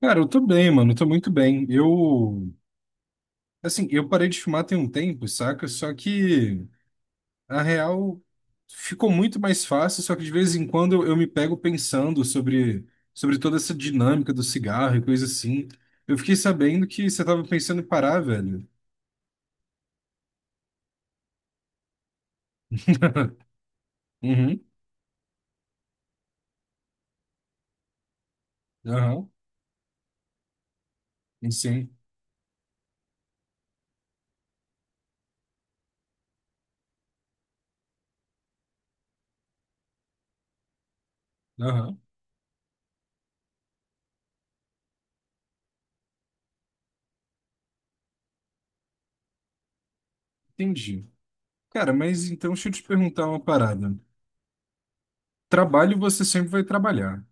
Cara, eu tô bem, mano, eu tô muito bem. Assim, eu parei de fumar tem um tempo, saca? Só que, a real, ficou muito mais fácil, só que de vez em quando eu me pego pensando sobre toda essa dinâmica do cigarro e coisa assim. Eu fiquei sabendo que você tava pensando em parar, velho. Uhum. Aham. Sim. Aham. Entendi. Cara, mas então deixa eu te perguntar uma parada. Trabalho você sempre vai trabalhar.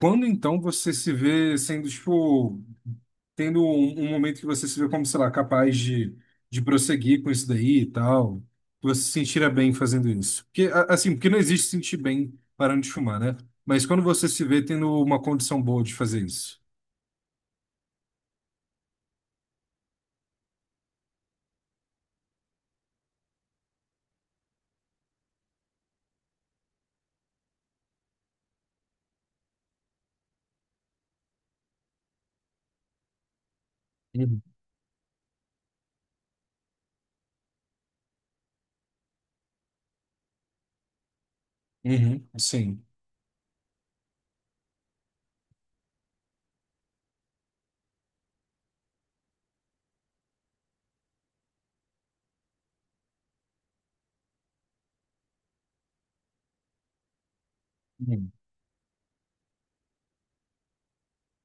Quando então você se vê sendo, tipo, tendo um momento que você se vê como, sei lá, capaz de prosseguir com isso daí e tal, que você se sentirá bem fazendo isso. Porque, assim, porque não existe sentir bem parando de fumar, né? Mas quando você se vê tendo uma condição boa de fazer isso. Uhum. Uhum, sim. Uhum.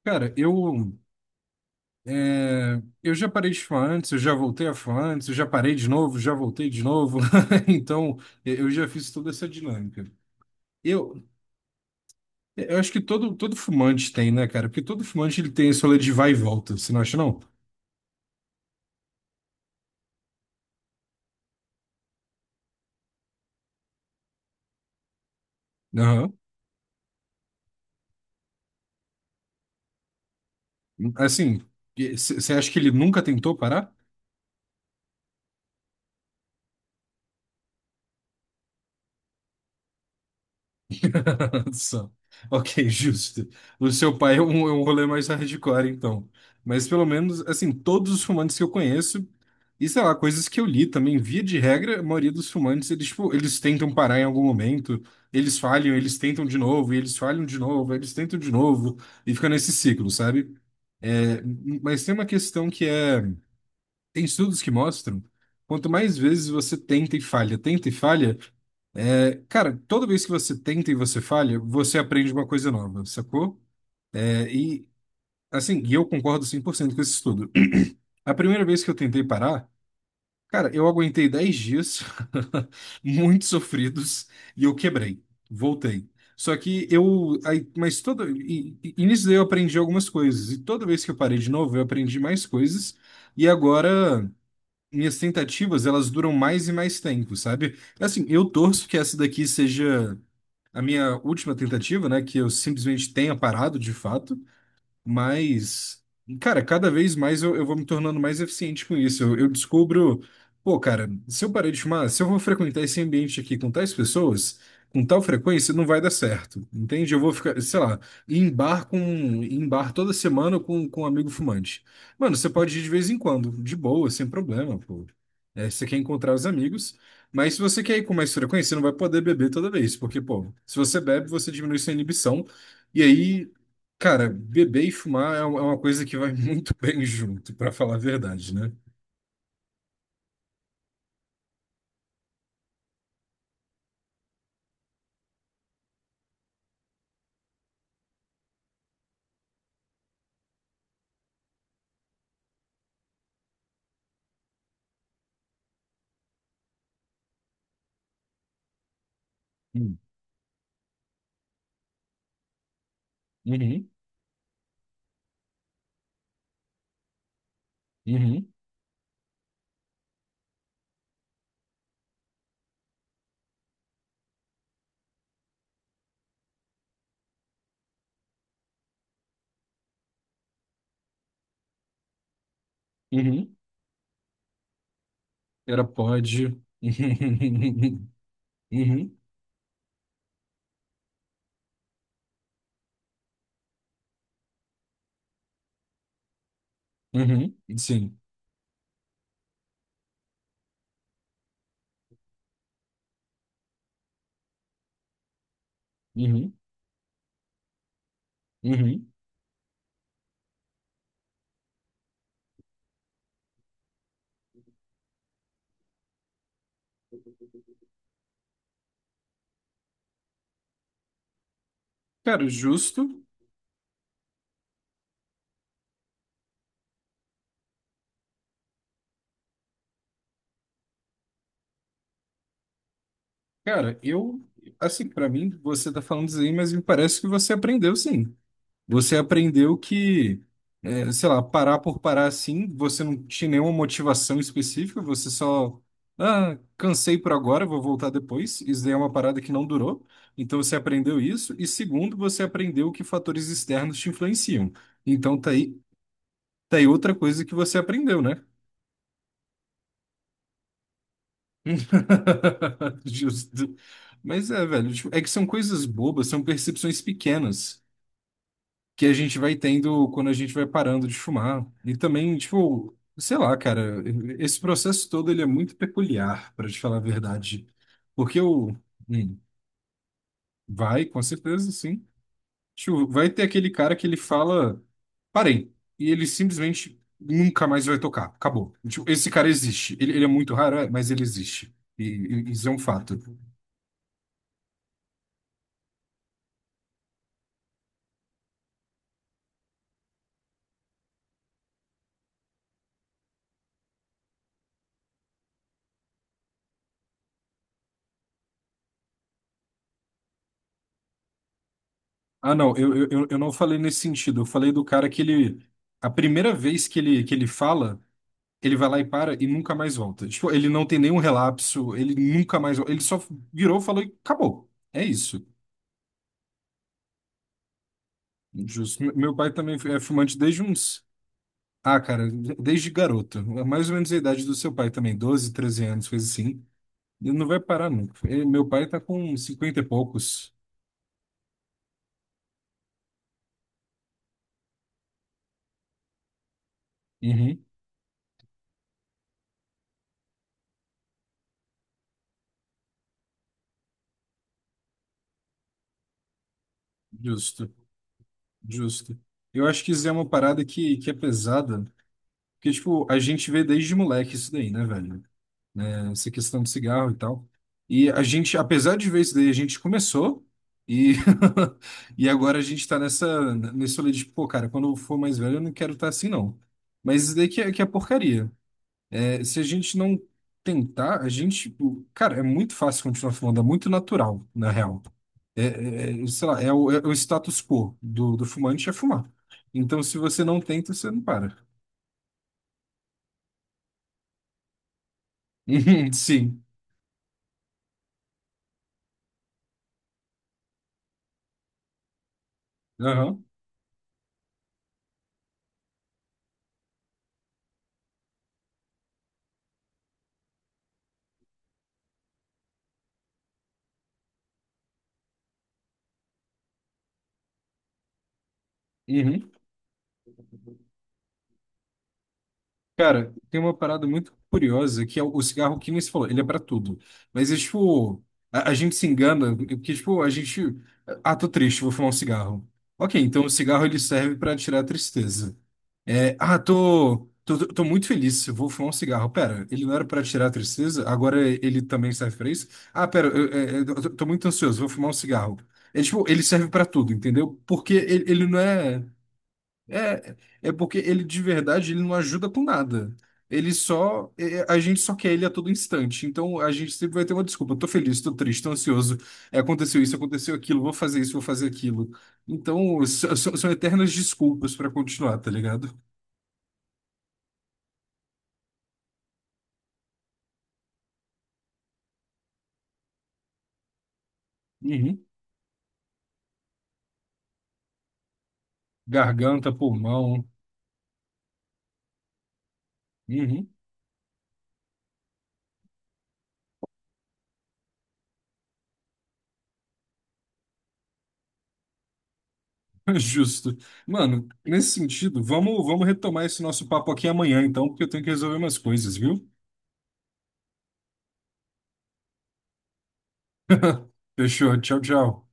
Cara, eu já parei de fumar antes, eu já voltei a fumar antes, eu já parei de novo, já voltei de novo. Então, eu já fiz toda essa dinâmica. Eu, Eu acho que todo fumante tem, né, cara? Porque todo fumante ele tem esse rolê de vai e volta, você não acha, não? Aham. Assim, você acha que ele nunca tentou parar? Só. Ok, justo. O seu pai é um rolê mais hardcore, então. Mas pelo menos, assim, todos os fumantes que eu conheço, e sei lá, coisas que eu li também, via de regra, a maioria dos fumantes, eles, tipo, eles tentam parar em algum momento, eles falham, eles tentam de novo, e eles falham de novo, eles tentam de novo, e fica nesse ciclo, sabe? É, mas tem uma questão que é, tem estudos que mostram, quanto mais vezes você tenta e falha, é, cara, toda vez que você tenta e você falha, você aprende uma coisa nova, sacou? É, e assim, e eu concordo 100% com esse estudo. A primeira vez que eu tentei parar, cara, eu aguentei 10 dias, muito sofridos, e eu quebrei. Voltei. Só que eu. Aí, mas todo. E nisso daí eu aprendi algumas coisas. E toda vez que eu parei de novo, eu aprendi mais coisas. E agora, minhas tentativas, elas duram mais e mais tempo, sabe? Assim, eu torço que essa daqui seja a minha última tentativa, né? Que eu simplesmente tenha parado de fato. Mas, cara, cada vez mais eu vou me tornando mais eficiente com isso. Eu descubro, pô, cara, se eu parar de fumar, se eu vou frequentar esse ambiente aqui com tais pessoas, com tal frequência, não vai dar certo, entende? Eu vou ficar, sei lá, em bar com, em bar toda semana com um amigo fumante. Mano, você pode ir de vez em quando, de boa, sem problema, pô. É, você quer encontrar os amigos, mas se você quer ir com mais frequência, você não vai poder beber toda vez, porque, pô, se você bebe, você diminui sua inibição. E aí, cara, beber e fumar é uma coisa que vai muito bem junto, pra falar a verdade, né? Hum. Uhum. Uhum. Uhum. Era pode. Uhum. Uhum. Uhum. Sim. Uhum. Uhum. Cara, justo. Cara, eu. Assim, pra mim, você tá falando isso aí, mas me parece que você aprendeu, sim. Você aprendeu que, é, sei lá, parar por parar assim, você não tinha nenhuma motivação específica, você só, ah, cansei por agora, vou voltar depois. Isso daí é uma parada que não durou. Então você aprendeu isso. E segundo, você aprendeu que fatores externos te influenciam. Então tá aí outra coisa que você aprendeu, né? Justo. Mas é, velho, tipo, é que são coisas bobas, são percepções pequenas, que a gente vai tendo quando a gente vai parando de fumar. E também, tipo, sei lá, cara, esse processo todo ele é muito peculiar, para te falar a verdade. Porque o hum, vai, com certeza, sim. Tipo, vai ter aquele cara que ele fala, parei, e ele simplesmente nunca mais vai tocar, acabou. Tipo, esse cara existe. Ele é muito raro, é, mas ele existe. E isso é um fato. Ah, não, eu não falei nesse sentido. Eu falei do cara que ele. A primeira vez que ele fala. Ele vai lá e para e nunca mais volta. Tipo, ele não tem nenhum relapso, ele nunca mais. Ele só virou, falou e acabou. É isso. Justo. Meu pai também é fumante desde uns. Ah, cara, desde garoto. É mais ou menos a idade do seu pai também, 12, 13 anos, coisa assim. Ele não vai parar nunca. Meu pai tá com 50 e poucos. Uhum. Justo, justo. Eu acho que isso é uma parada que é pesada. Porque, tipo, a gente vê desde moleque isso daí, né, velho? Essa questão do cigarro e tal. E a gente, apesar de ver isso daí, a gente começou e, e agora a gente tá nessa, nesse olho de, pô, cara, quando eu for mais velho eu não quero estar assim, não. Mas isso daí que é porcaria. É, se a gente não tentar, a gente, tipo, cara, é muito fácil continuar fumando, é muito natural, na real. É, sei lá, é o status quo do fumante é fumar. Então, se você não tenta, você não para. Sim. Aham. Uhum. Cara, tem uma parada muito curiosa que é o cigarro que nem se falou, ele é pra tudo. Mas é tipo, a gente se engana, porque tipo, a gente. Ah, tô triste, vou fumar um cigarro. Ok, então o cigarro ele serve pra tirar a tristeza. É, ah, tô muito feliz, eu vou fumar um cigarro. Pera, ele não era pra tirar a tristeza, agora ele também serve pra isso? Ah, pera, eu tô muito ansioso, vou fumar um cigarro. É tipo, ele serve pra tudo, entendeu? Porque ele não é. É, é porque ele de verdade ele não ajuda com nada. Ele só, a gente só quer ele a todo instante. Então a gente sempre vai ter uma desculpa. Tô feliz, tô triste, tô ansioso. É, aconteceu isso, aconteceu aquilo, vou fazer isso, vou fazer aquilo. Então são eternas desculpas pra continuar, tá ligado? Uhum. Garganta, pulmão. Uhum. Justo. Mano, nesse sentido, vamos retomar esse nosso papo aqui amanhã, então, porque eu tenho que resolver umas coisas, viu? Fechou. Tchau, tchau.